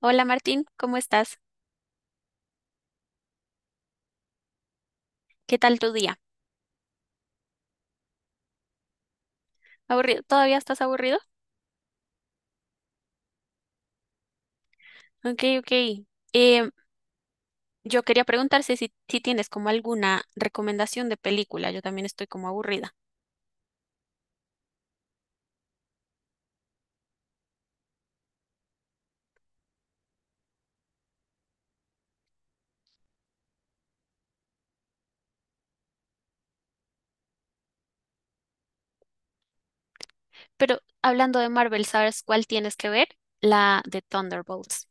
Hola Martín, ¿cómo estás? ¿Qué tal tu día? ¿Aburrido? ¿Todavía estás aburrido? Ok, ok. Em, yo quería preguntarte si tienes como alguna recomendación de película. Yo también estoy como aburrida. Pero hablando de Marvel, ¿sabes cuál tienes que ver? La de Thunderbolts.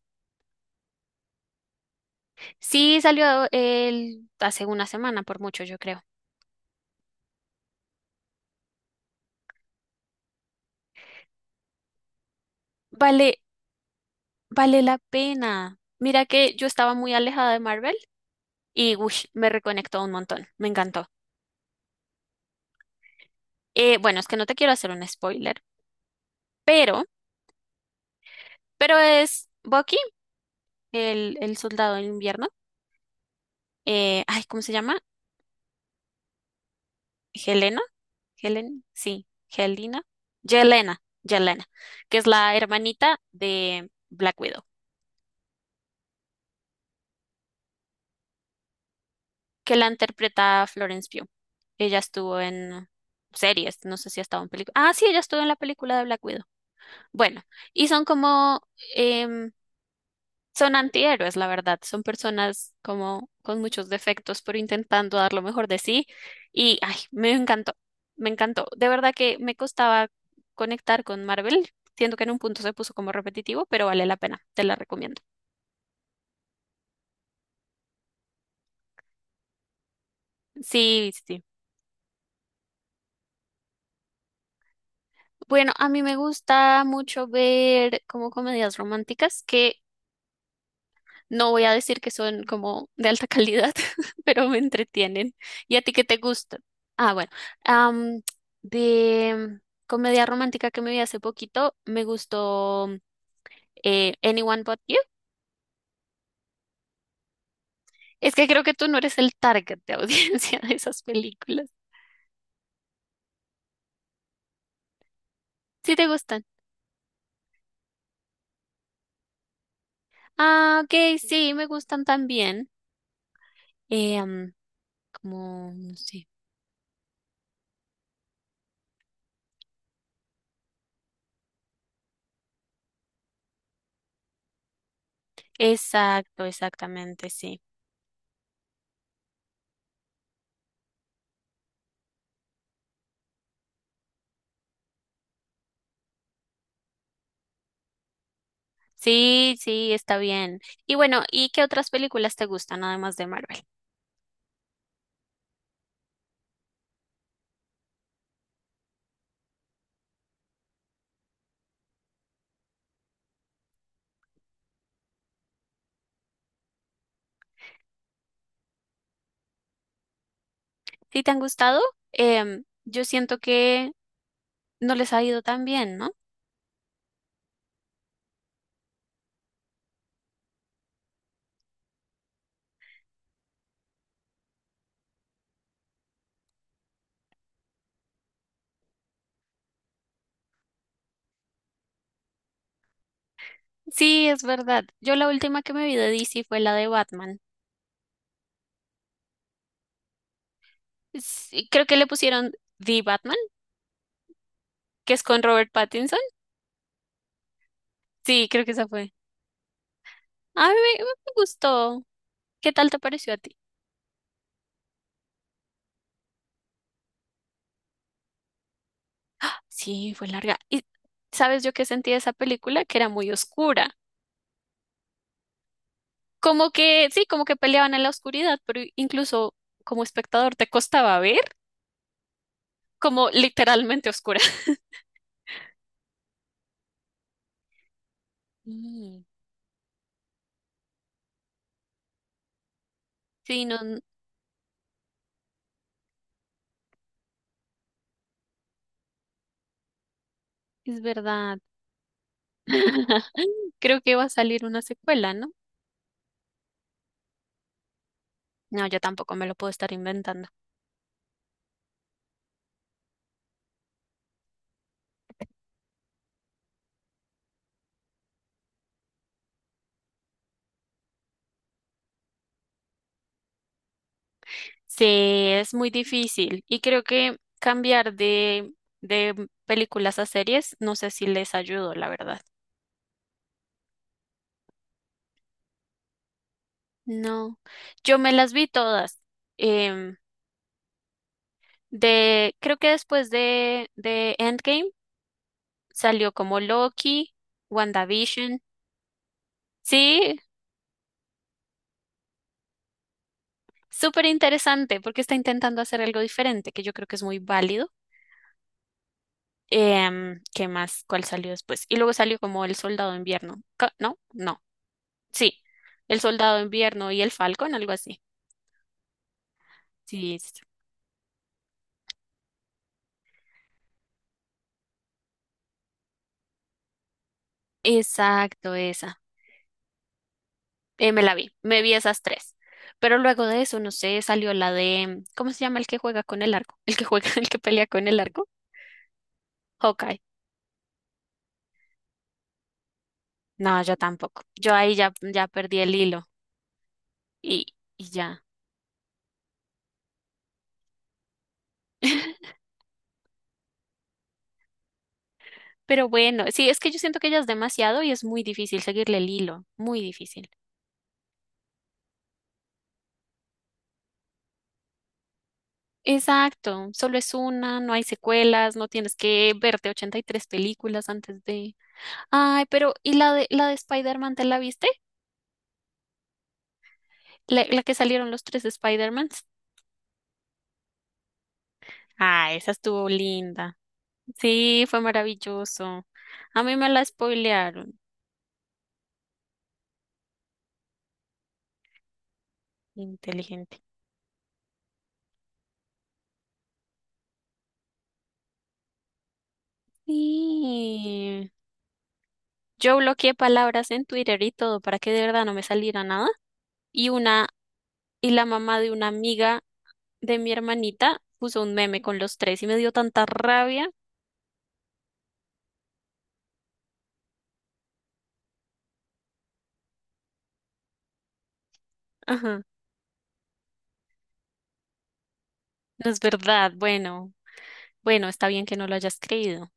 Sí, salió hace una semana, por mucho, yo creo. Vale, vale la pena. Mira que yo estaba muy alejada de Marvel y uy, me reconectó un montón. Me encantó. Bueno, es que no te quiero hacer un spoiler. Pero Pero es Bucky, el soldado del invierno. Ay, ¿cómo se llama? Helena. Helen, sí, Helena. Yelena, Yelena, que es la hermanita de Black Widow, que la interpreta Florence Pugh. Ella estuvo en series, no sé si ha estado en película. Ah, sí, ella estuvo en la película de Black Widow. Bueno, y son como em, Son antihéroes, la verdad. Son personas como con muchos defectos, pero intentando dar lo mejor de sí. Y ay, me encantó, me encantó. De verdad que me costaba conectar con Marvel. Siento que en un punto se puso como repetitivo, pero vale la pena. Te la recomiendo. Sí, sí, sí. Bueno, a mí me gusta mucho ver como comedias románticas que, no voy a decir que son como de alta calidad, pero me entretienen. ¿Y a ti qué te gusta? Ah, bueno. am, de comedia romántica que me vi hace poquito, me gustó Anyone But You. Es que creo que tú no eres el target de audiencia de esas películas. ¿Sí te gustan? Ah, ok, sí, me gustan también. Eh, am, Como, no sé. Exacto, exactamente, sí. Sí, sí, está bien. Y bueno, ¿y qué otras películas te gustan además de Marvel? Si te han gustado, yo siento que no les ha ido tan bien, ¿no? Sí, es verdad. Yo la última que me vi de DC fue la de Batman. Sí, creo que le pusieron The Batman, que es con Robert Pattinson. Sí, creo que esa fue. A mí me gustó. ¿Qué tal te pareció a ti? Sí, fue larga. ¿Y sabes yo qué sentí de esa película? Que era muy oscura. Como que, sí, como que peleaban en la oscuridad, pero incluso como espectador te costaba ver como literalmente oscura. Mm. Sí, no, es verdad. Creo que va a salir una secuela, ¿no? No, yo tampoco me lo puedo estar inventando. Sí, es muy difícil y creo que cambiar de películas a series, no sé si les ayudo, la verdad. No, yo me las vi todas. Em, Creo que después de Endgame salió como Loki, WandaVision. Sí, súper interesante porque está intentando hacer algo diferente, que yo creo que es muy válido. ¿Qué más? ¿Cuál salió después? Y luego salió como El Soldado de Invierno. ¿No? No. Sí. El Soldado de Invierno y El Falcón, algo así. Sí, sí, sí. Exacto, esa. Me la vi. Me vi esas tres. Pero luego de eso, no sé, salió la de, ¿cómo se llama el que juega con el arco? El que juega, el que pelea con el arco. Hawkeye. No, yo tampoco. Yo ahí ya perdí el hilo. Y, y ya. Pero bueno, sí, es que yo siento que ya es demasiado y es muy difícil seguirle el hilo. Muy difícil. Exacto, solo es una, no hay secuelas, no tienes que verte 83 películas antes de... Ay, pero ¿y la de Spider-Man te la viste? La que salieron los tres Spider-Mans. Ah, esa estuvo linda. Sí, fue maravilloso. A mí me la spoilearon. Inteligente. Sí. Yo bloqueé palabras en Twitter y todo para que de verdad no me saliera nada. Y una, y la mamá de una amiga de mi hermanita puso un meme con los tres y me dio tanta rabia. Ajá, no es verdad. Bueno, bueno, está bien que no lo hayas creído.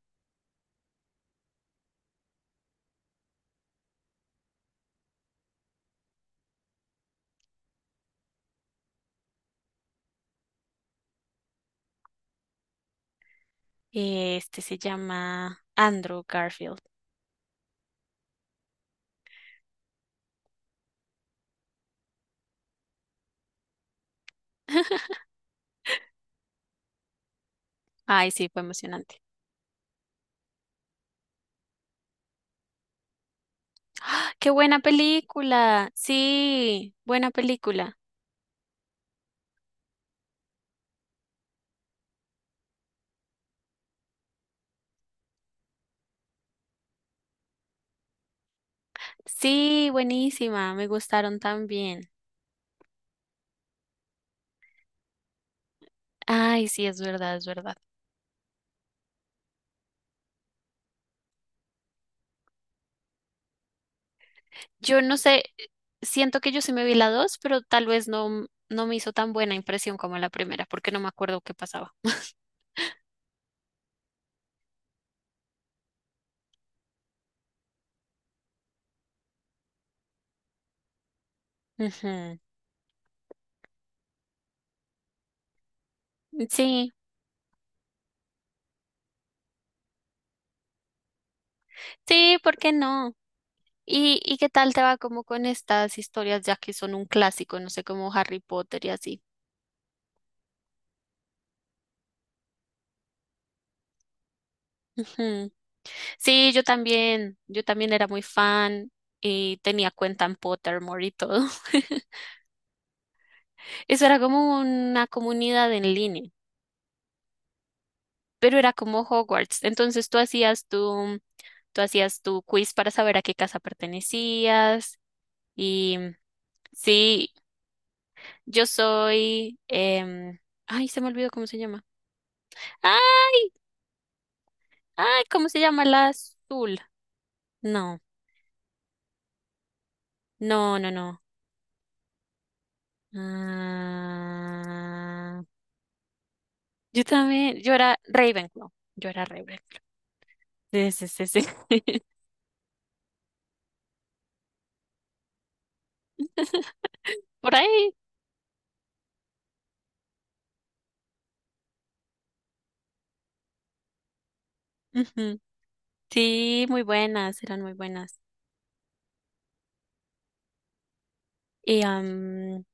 Este se llama Andrew Garfield. Ay, sí, fue emocionante. ¡Ah! ¡Qué buena película! Sí, buena película. Sí, buenísima. Me gustaron también. Ay, sí, es verdad, es verdad. Yo no sé, siento que yo sí me vi la dos, pero tal vez no, no me hizo tan buena impresión como la primera, porque no me acuerdo qué pasaba. Ujú. Sí, sí, ¿por qué no? ¿Y qué tal te va como con estas historias ya que son un clásico, no sé, como Harry Potter y así? Ujú. Sí, yo también era muy fan y tenía cuenta en Pottermore y todo. Eso era como una comunidad en línea, pero era como Hogwarts. Entonces tú hacías tu quiz para saber a qué casa pertenecías y sí, yo soy, ay, se me olvidó cómo se llama. Ay, ¿cómo se llama la azul? No, no, no, no. Ah, yo también, yo era Ravenclaw. Yo era Ravenclaw. Sí, sí, sí, sí. Por ahí. Ujú. Sí, muy buenas, eran muy buenas. Y, am,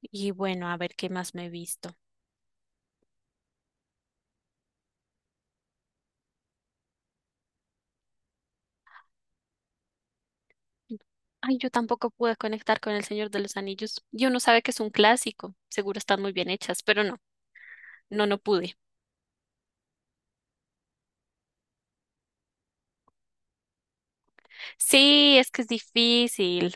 y bueno, a ver qué más me he visto. Ay, yo tampoco pude conectar con El Señor de los Anillos. Y uno sabe que es un clásico, seguro están muy bien hechas, pero no, no, no pude. Sí, es que es difícil.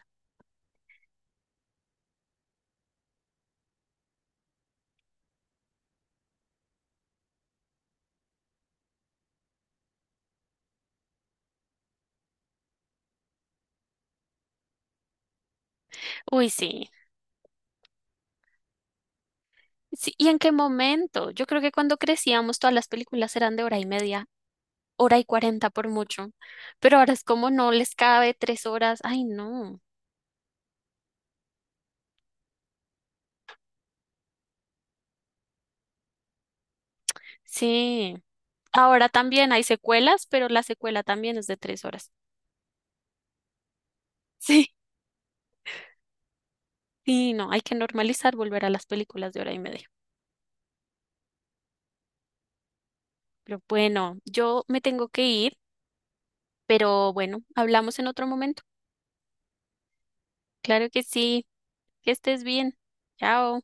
Uy, sí. Sí, ¿y en qué momento? Yo creo que cuando crecíamos todas las películas eran de hora y media, hora y cuarenta por mucho, pero ahora es como no les cabe 3 horas, ay no, sí, ahora también hay secuelas, pero la secuela también es de 3 horas, sí, sí, no, hay que normalizar volver a las películas de hora y media, pero bueno, yo me tengo que ir, pero bueno, hablamos en otro momento, claro que sí, que estés bien, chao.